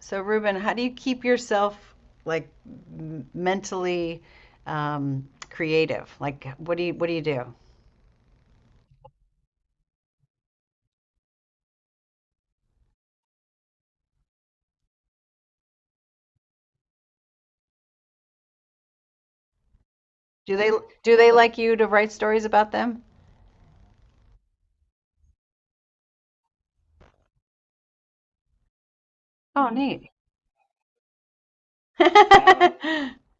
So, Ruben, how do you keep yourself like mentally creative? Like, what do you do? Do they do they like you to write stories about them? Oh, neat.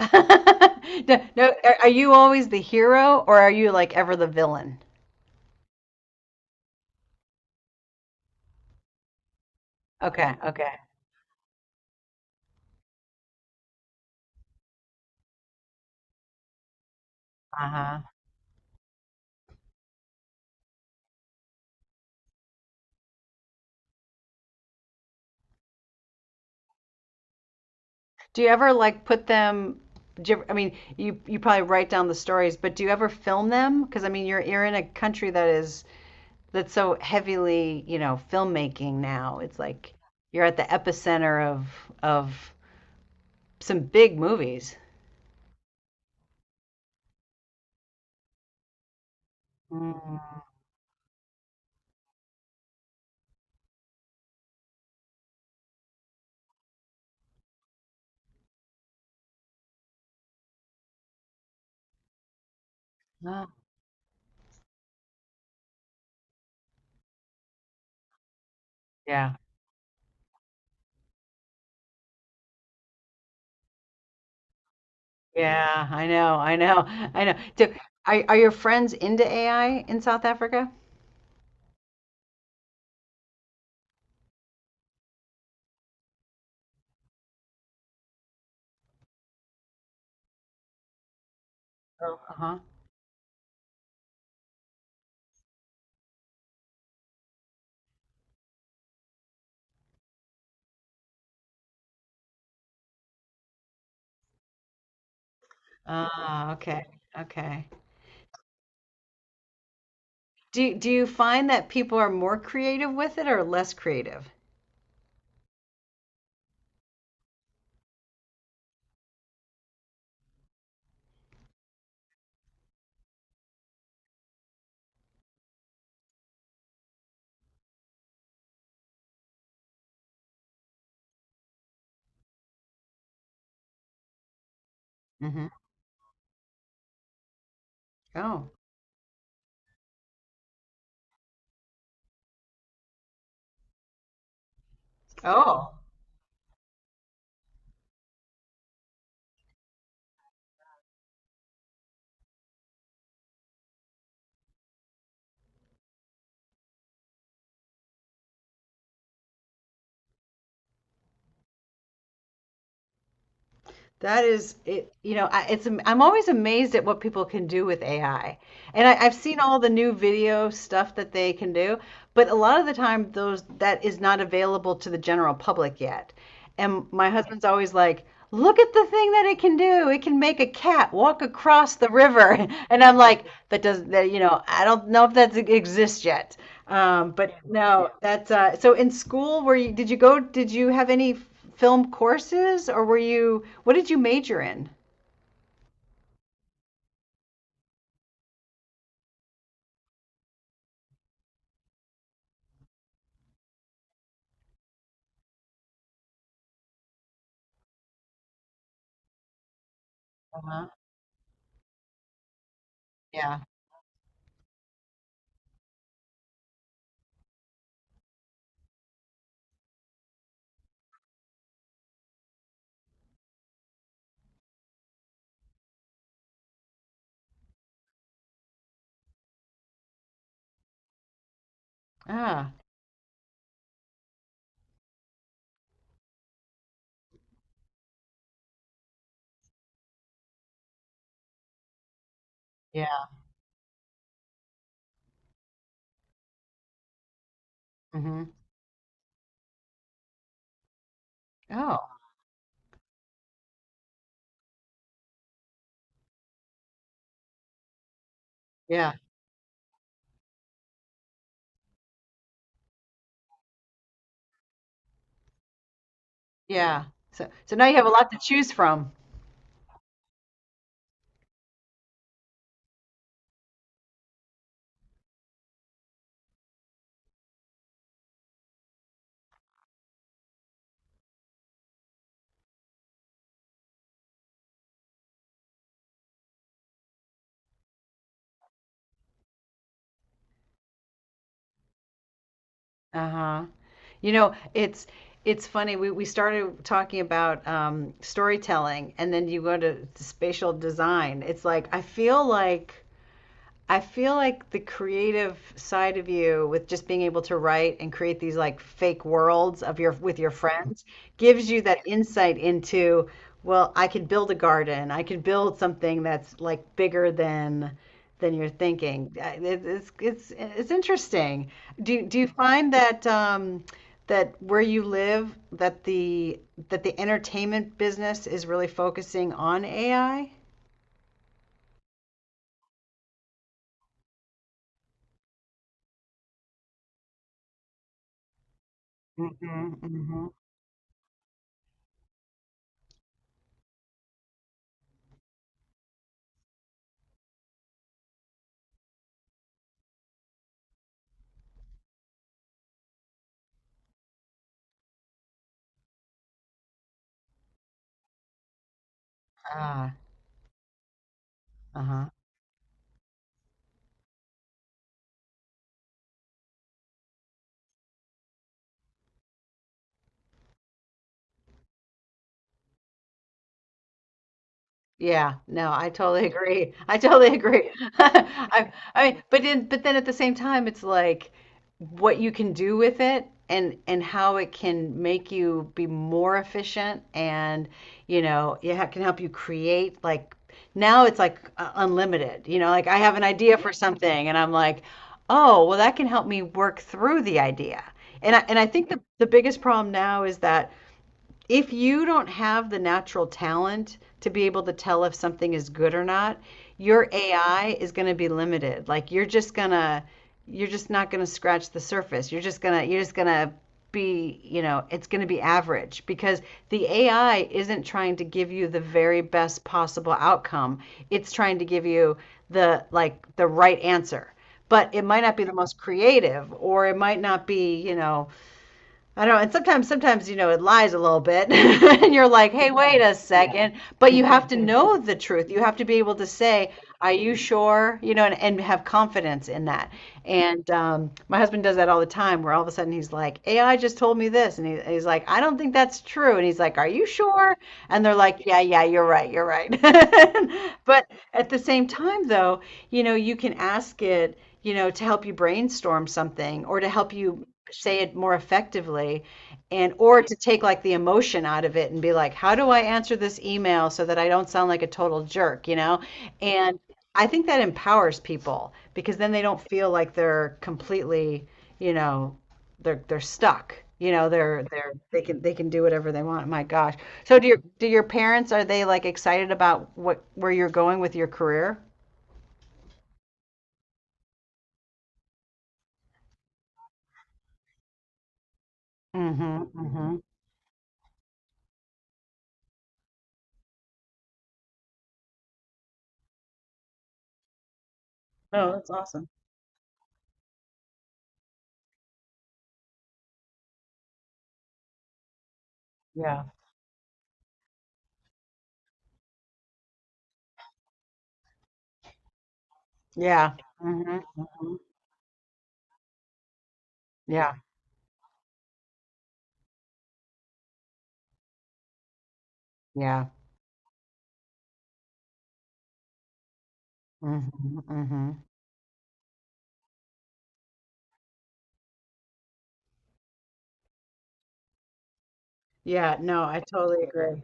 Oh. No, no, are you always the hero or are you like ever the villain? Okay, okay. Uh-huh. Do you ever like put them? I mean, you probably write down the stories, but do you ever film them? Because I mean, you're in a country that is that's so heavily, you know, filmmaking now. It's like you're at the epicenter of some big movies. Mm. Oh. Yeah. Yeah, I know. I know. I know. Do, are your friends into AI in South Africa? Oh, uh-huh. Ah, okay. Okay. Do you find that people are more creative with it or less creative? Mm hmm. Oh. Oh. That is, it, you know, it's I'm always amazed at what people can do with AI. And I've seen all the new video stuff that they can do, but a lot of the time those that is not available to the general public yet. And my husband's always like, "Look at the thing that it can do. It can make a cat walk across the river." And I'm like, "That doesn't that, you know, I don't know if that exists yet." But no, that's so in school, did you go, did you have any film courses or were you, what did you major in? Uh-huh. Yeah. Ah. Yeah. Hmm. Oh, yeah, yeah. So, so now you have a lot to choose from. Uh-huh. You know, it's funny. We started talking about storytelling, and then you go to spatial design. It's like I feel like I feel like the creative side of you with just being able to write and create these like fake worlds of your with your friends gives you that insight into, well, I could build a garden. I could build something that's like bigger than you're thinking. It's it's interesting. Do you find that that where you live that the entertainment business is really focusing on AI? Mm-hmm, mm-hmm. Ah, uh-huh. Yeah, no, I totally agree. I totally agree. I mean, but then at the same time, it's like what you can do with it and how it can make you be more efficient and you know, yeah, it can help you create like now it's like unlimited. You know, like I have an idea for something and I'm like, "Oh, well that can help me work through the idea." And I think the biggest problem now is that if you don't have the natural talent to be able to tell if something is good or not, your AI is going to be limited. Like you're just not going to scratch the surface. You're just going to be, you know, it's going to be average because the AI isn't trying to give you the very best possible outcome. It's trying to give you the like the right answer. But it might not be the most creative or it might not be, you know, I don't know. And sometimes you know, it lies a little bit, and you're like, "Hey, wait a second. But you have to know the truth. You have to be able to say, "Are you sure?" You know, and have confidence in that. And my husband does that all the time, where all of a sudden he's like, "AI just told me this," and he's like, "I don't think that's true." And he's like, "Are you sure?" And they're like, "Yeah, yeah, you're right, you're right." But at the same time, though, you know, you can ask it. You know, to help you brainstorm something or to help you say it more effectively and or to take like the emotion out of it and be like, how do I answer this email so that I don't sound like a total jerk, you know, and I think that empowers people because then they don't feel like they're completely, you know, they're stuck, you know, they're they can do whatever they want, my gosh. So do your parents, are they like excited about what where you're going with your career? Mm-hmm, mm-hmm. Oh, that's awesome. Yeah, yeah. Mm-hmm, mm-hmm. Yeah. Yeah. Mhm, mhm. Yeah, no, I totally agree.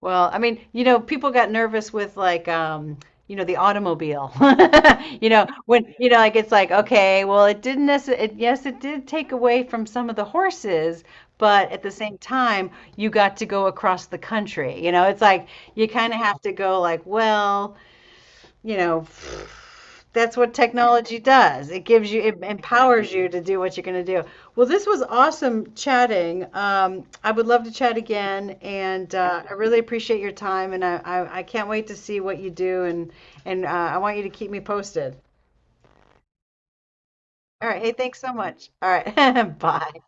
Well, I mean, you know, people got nervous with like, you know, the automobile. You know, when, you know, like it's like, okay, well, it didn't necessarily, it, yes, it did take away from some of the horses, but at the same time, you got to go across the country. You know, it's like you kind of have to go like, well, you know, that's what technology does. It gives you, it empowers you to do what you're going to do. Well, this was awesome chatting. I would love to chat again, and I really appreciate your time, and I can't wait to see what you do, and I want you to keep me posted. All right. Hey, thanks so much. All right. Bye.